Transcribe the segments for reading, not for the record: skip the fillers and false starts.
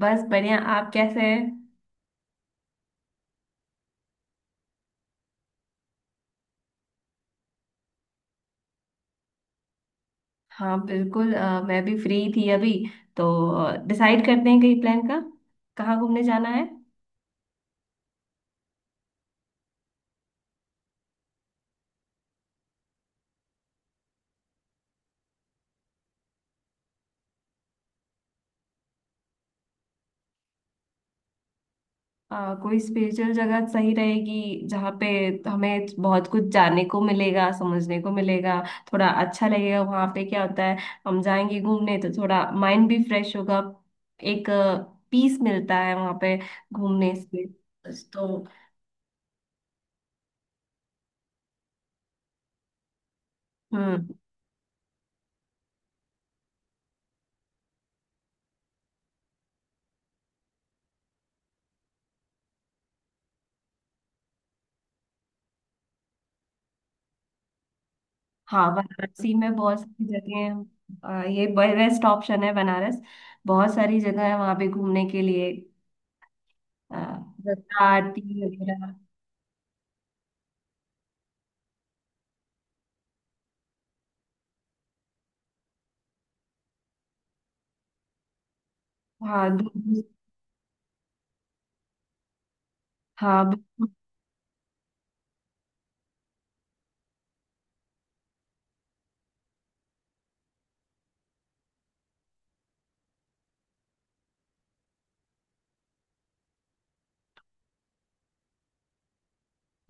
बस बढ़िया। आप कैसे हैं? हाँ बिल्कुल। मैं भी फ्री थी अभी तो डिसाइड करते हैं कहीं प्लान का। कहाँ घूमने जाना है? कोई स्पेशल जगह सही रहेगी जहाँ पे हमें बहुत कुछ जानने को मिलेगा, समझने को मिलेगा। थोड़ा अच्छा लगेगा वहाँ पे क्या होता है। हम जाएंगे घूमने तो थोड़ा माइंड भी फ्रेश होगा। एक पीस मिलता है वहाँ पे घूमने से। तो। हम्म। हाँ, वाराणसी में बहुत सारी जगह हैं। ये बेस्ट ऑप्शन है बनारस। बहुत सारी जगह है वहाँ पे घूमने के लिए। आ, गंगा आरती वगैरह। हाँ। हाँ बिल्कुल।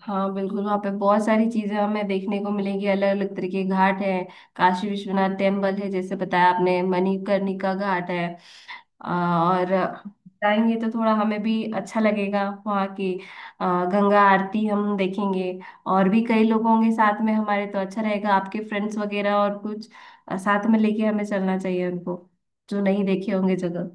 हाँ बिल्कुल, वहाँ पे बहुत सारी चीजें हमें देखने को मिलेंगी। अलग अलग तरह के घाट हैं। काशी विश्वनाथ टेम्पल है जैसे बताया आपने, मणिकर्णिका घाट है। और जाएंगे तो थोड़ा हमें भी अच्छा लगेगा वहाँ की। गंगा आरती हम देखेंगे। और भी कई लोग होंगे साथ में हमारे तो अच्छा रहेगा। आपके फ्रेंड्स वगैरह और कुछ साथ में लेके हमें चलना चाहिए उनको, जो नहीं देखे होंगे जगह।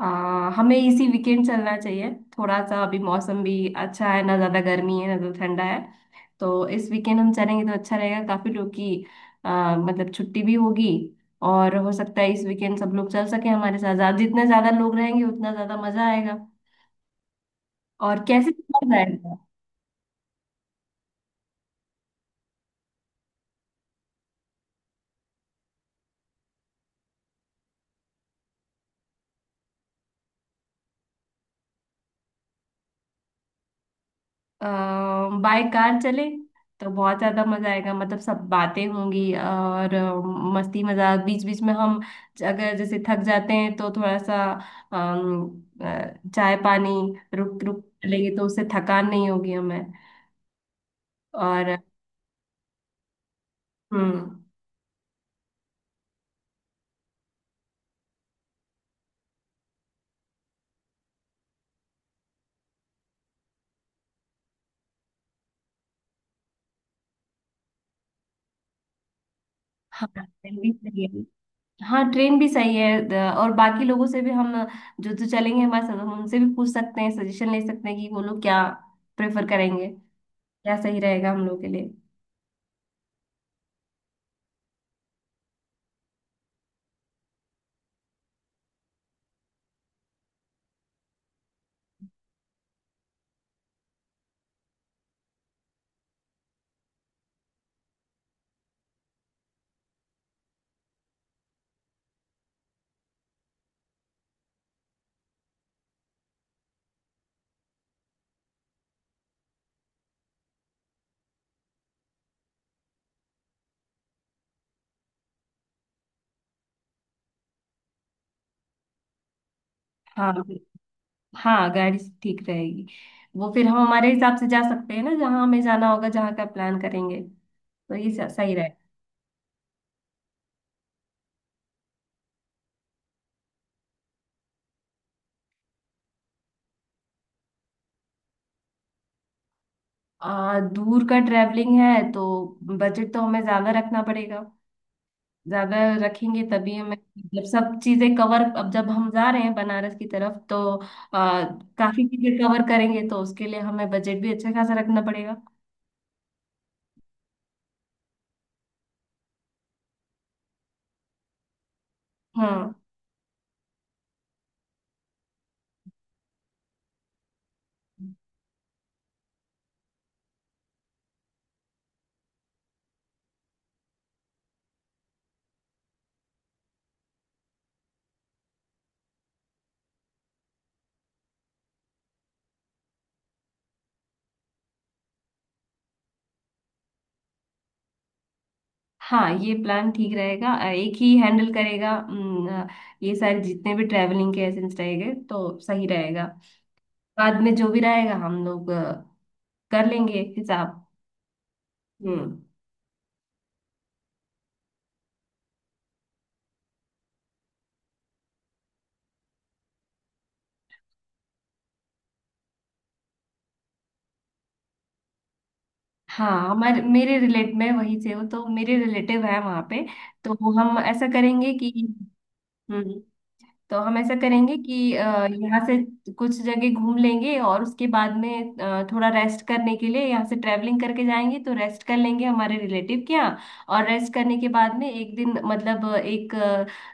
हमें इसी वीकेंड चलना चाहिए। थोड़ा सा अभी मौसम भी अच्छा है, ना ज्यादा गर्मी है ना ज्यादा ठंडा है। तो इस वीकेंड हम चलेंगे तो अच्छा रहेगा, काफी लोग की मतलब छुट्टी भी होगी। और हो सकता है इस वीकेंड सब लोग चल सके हमारे साथ। जितने ज्यादा लोग रहेंगे उतना ज्यादा मजा आएगा। और कैसे चला जाएगा? बाय कार चले तो बहुत ज्यादा मजा आएगा। मतलब सब बातें होंगी, और मस्ती मजाक बीच बीच में हम, अगर जैसे थक जाते हैं तो थोड़ा सा अम, चाय पानी रुक रुक लेंगे तो उससे थकान नहीं होगी हमें। और हम्म। हाँ, ट्रेन भी सही है। हाँ, ट्रेन भी सही है। और बाकी लोगों से भी हम, जो जो चलेंगे हमारे साथ, हम उनसे भी पूछ सकते हैं, सजेशन ले सकते हैं कि वो लोग क्या प्रेफर करेंगे, क्या सही रहेगा हम लोग के लिए। हाँ। हाँ, गाड़ी से ठीक रहेगी। वो फिर हम हमारे हिसाब से जा सकते हैं ना, जहाँ हमें जाना होगा जहाँ का प्लान करेंगे। तो ये सही रहेगा। दूर का ट्रैवलिंग है तो बजट तो हमें ज्यादा रखना पड़ेगा। ज्यादा रखेंगे तभी हमें, जब सब चीजें कवर, अब जब हम जा रहे हैं बनारस की तरफ तो आ, काफी चीजें कवर करेंगे तो उसके लिए हमें बजट भी अच्छा खासा रखना पड़ेगा। हाँ। हाँ ये प्लान ठीक रहेगा। एक ही हैंडल करेगा ये सारे जितने भी ट्रैवलिंग के एसेंस रहेंगे तो सही रहेगा। बाद में जो भी रहेगा हम लोग कर लेंगे हिसाब। हम्म। हाँ हमारे, मेरे रिलेट में वहीं से हो तो मेरे रिलेटिव है वहाँ पे। तो हम ऐसा करेंगे कि। हम्म। तो हम ऐसा करेंगे कि यहाँ से कुछ जगह घूम लेंगे और उसके बाद में थोड़ा रेस्ट करने के लिए यहाँ से ट्रैवलिंग करके जाएंगे तो रेस्ट कर लेंगे हमारे रिलेटिव के यहाँ। और रेस्ट करने के बाद में एक दिन मतलब एक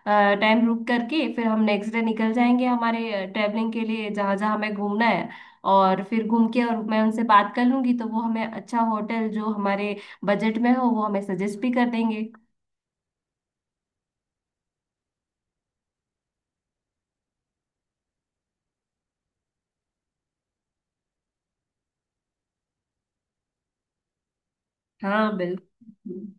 टाइम रुक करके फिर हम नेक्स्ट डे निकल जाएंगे हमारे ट्रैवलिंग के लिए, जहाँ जहाँ हमें घूमना है। और फिर घूम के, और मैं उनसे बात कर लूंगी तो वो हमें अच्छा होटल, जो हमारे बजट में हो, वो हमें सजेस्ट भी कर देंगे। हाँ बिल्कुल।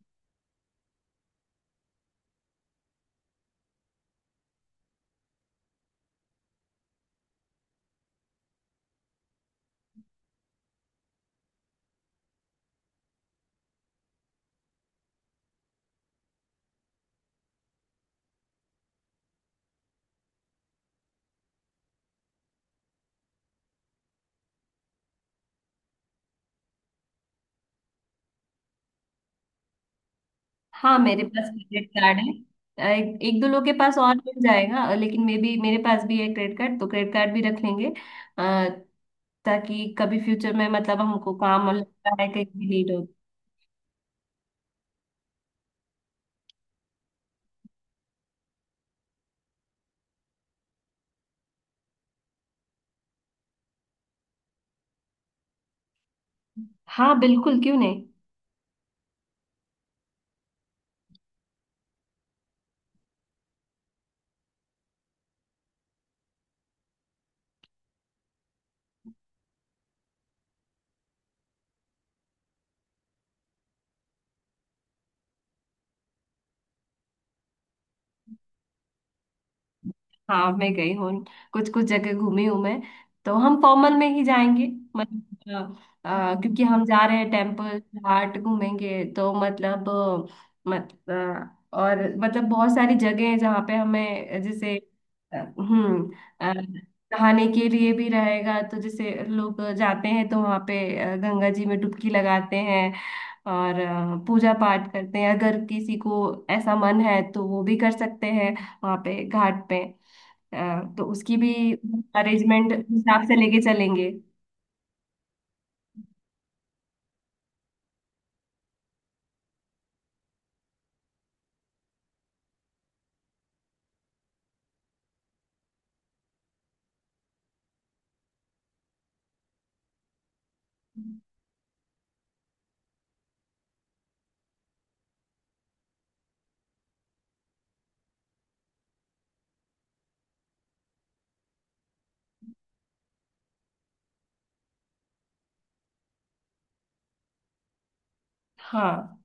हाँ, मेरे पास क्रेडिट कार्ड है। एक दो लोग के पास और मिल जाएगा। लेकिन मे भी, मेरे पास भी है क्रेडिट कार्ड, तो क्रेडिट कार्ड भी रख लेंगे। अ, ताकि कभी फ्यूचर में मतलब हमको काम लगता है कहीं भी नीड हो। हाँ बिल्कुल, क्यों नहीं। हाँ, मैं गई हूँ। कुछ कुछ जगह घूमी हूँ मैं। तो हम फॉर्मल में ही जाएंगे। मतलब क्योंकि हम जा रहे हैं टेम्पल घाट घूमेंगे तो मतलब अ, मत अ, और मतलब बहुत सारी जगह है जहाँ पे हमें जैसे हम्म। अ, नहाने के लिए भी रहेगा तो जैसे लोग जाते हैं तो वहाँ पे गंगा जी में डुबकी लगाते हैं। और पूजा पाठ करते हैं, अगर किसी को ऐसा मन है तो वो भी कर सकते हैं वहाँ पे घाट पे। तो उसकी भी अरेंजमेंट हिसाब से लेके चलेंगे। हाँ।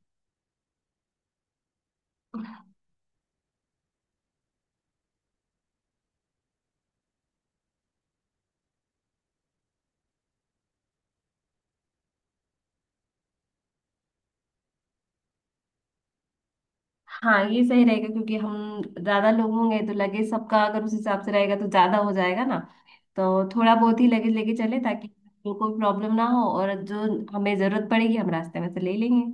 हाँ ये सही रहेगा, क्योंकि हम ज्यादा लोग होंगे तो लगेज सबका अगर उस हिसाब से रहेगा तो ज्यादा हो जाएगा ना। तो थोड़ा बहुत ही लगेज लेके चले, ताकि लोगों को प्रॉब्लम ना हो, और जो हमें जरूरत पड़ेगी हम रास्ते में से ले लेंगे।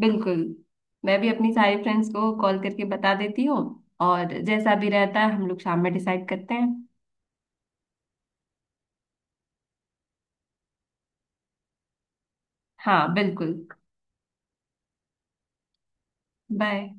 बिल्कुल। मैं भी अपनी सारी फ्रेंड्स को कॉल करके बता देती हूँ, और जैसा भी रहता है हम लोग शाम में डिसाइड करते हैं। हाँ बिल्कुल। बाय।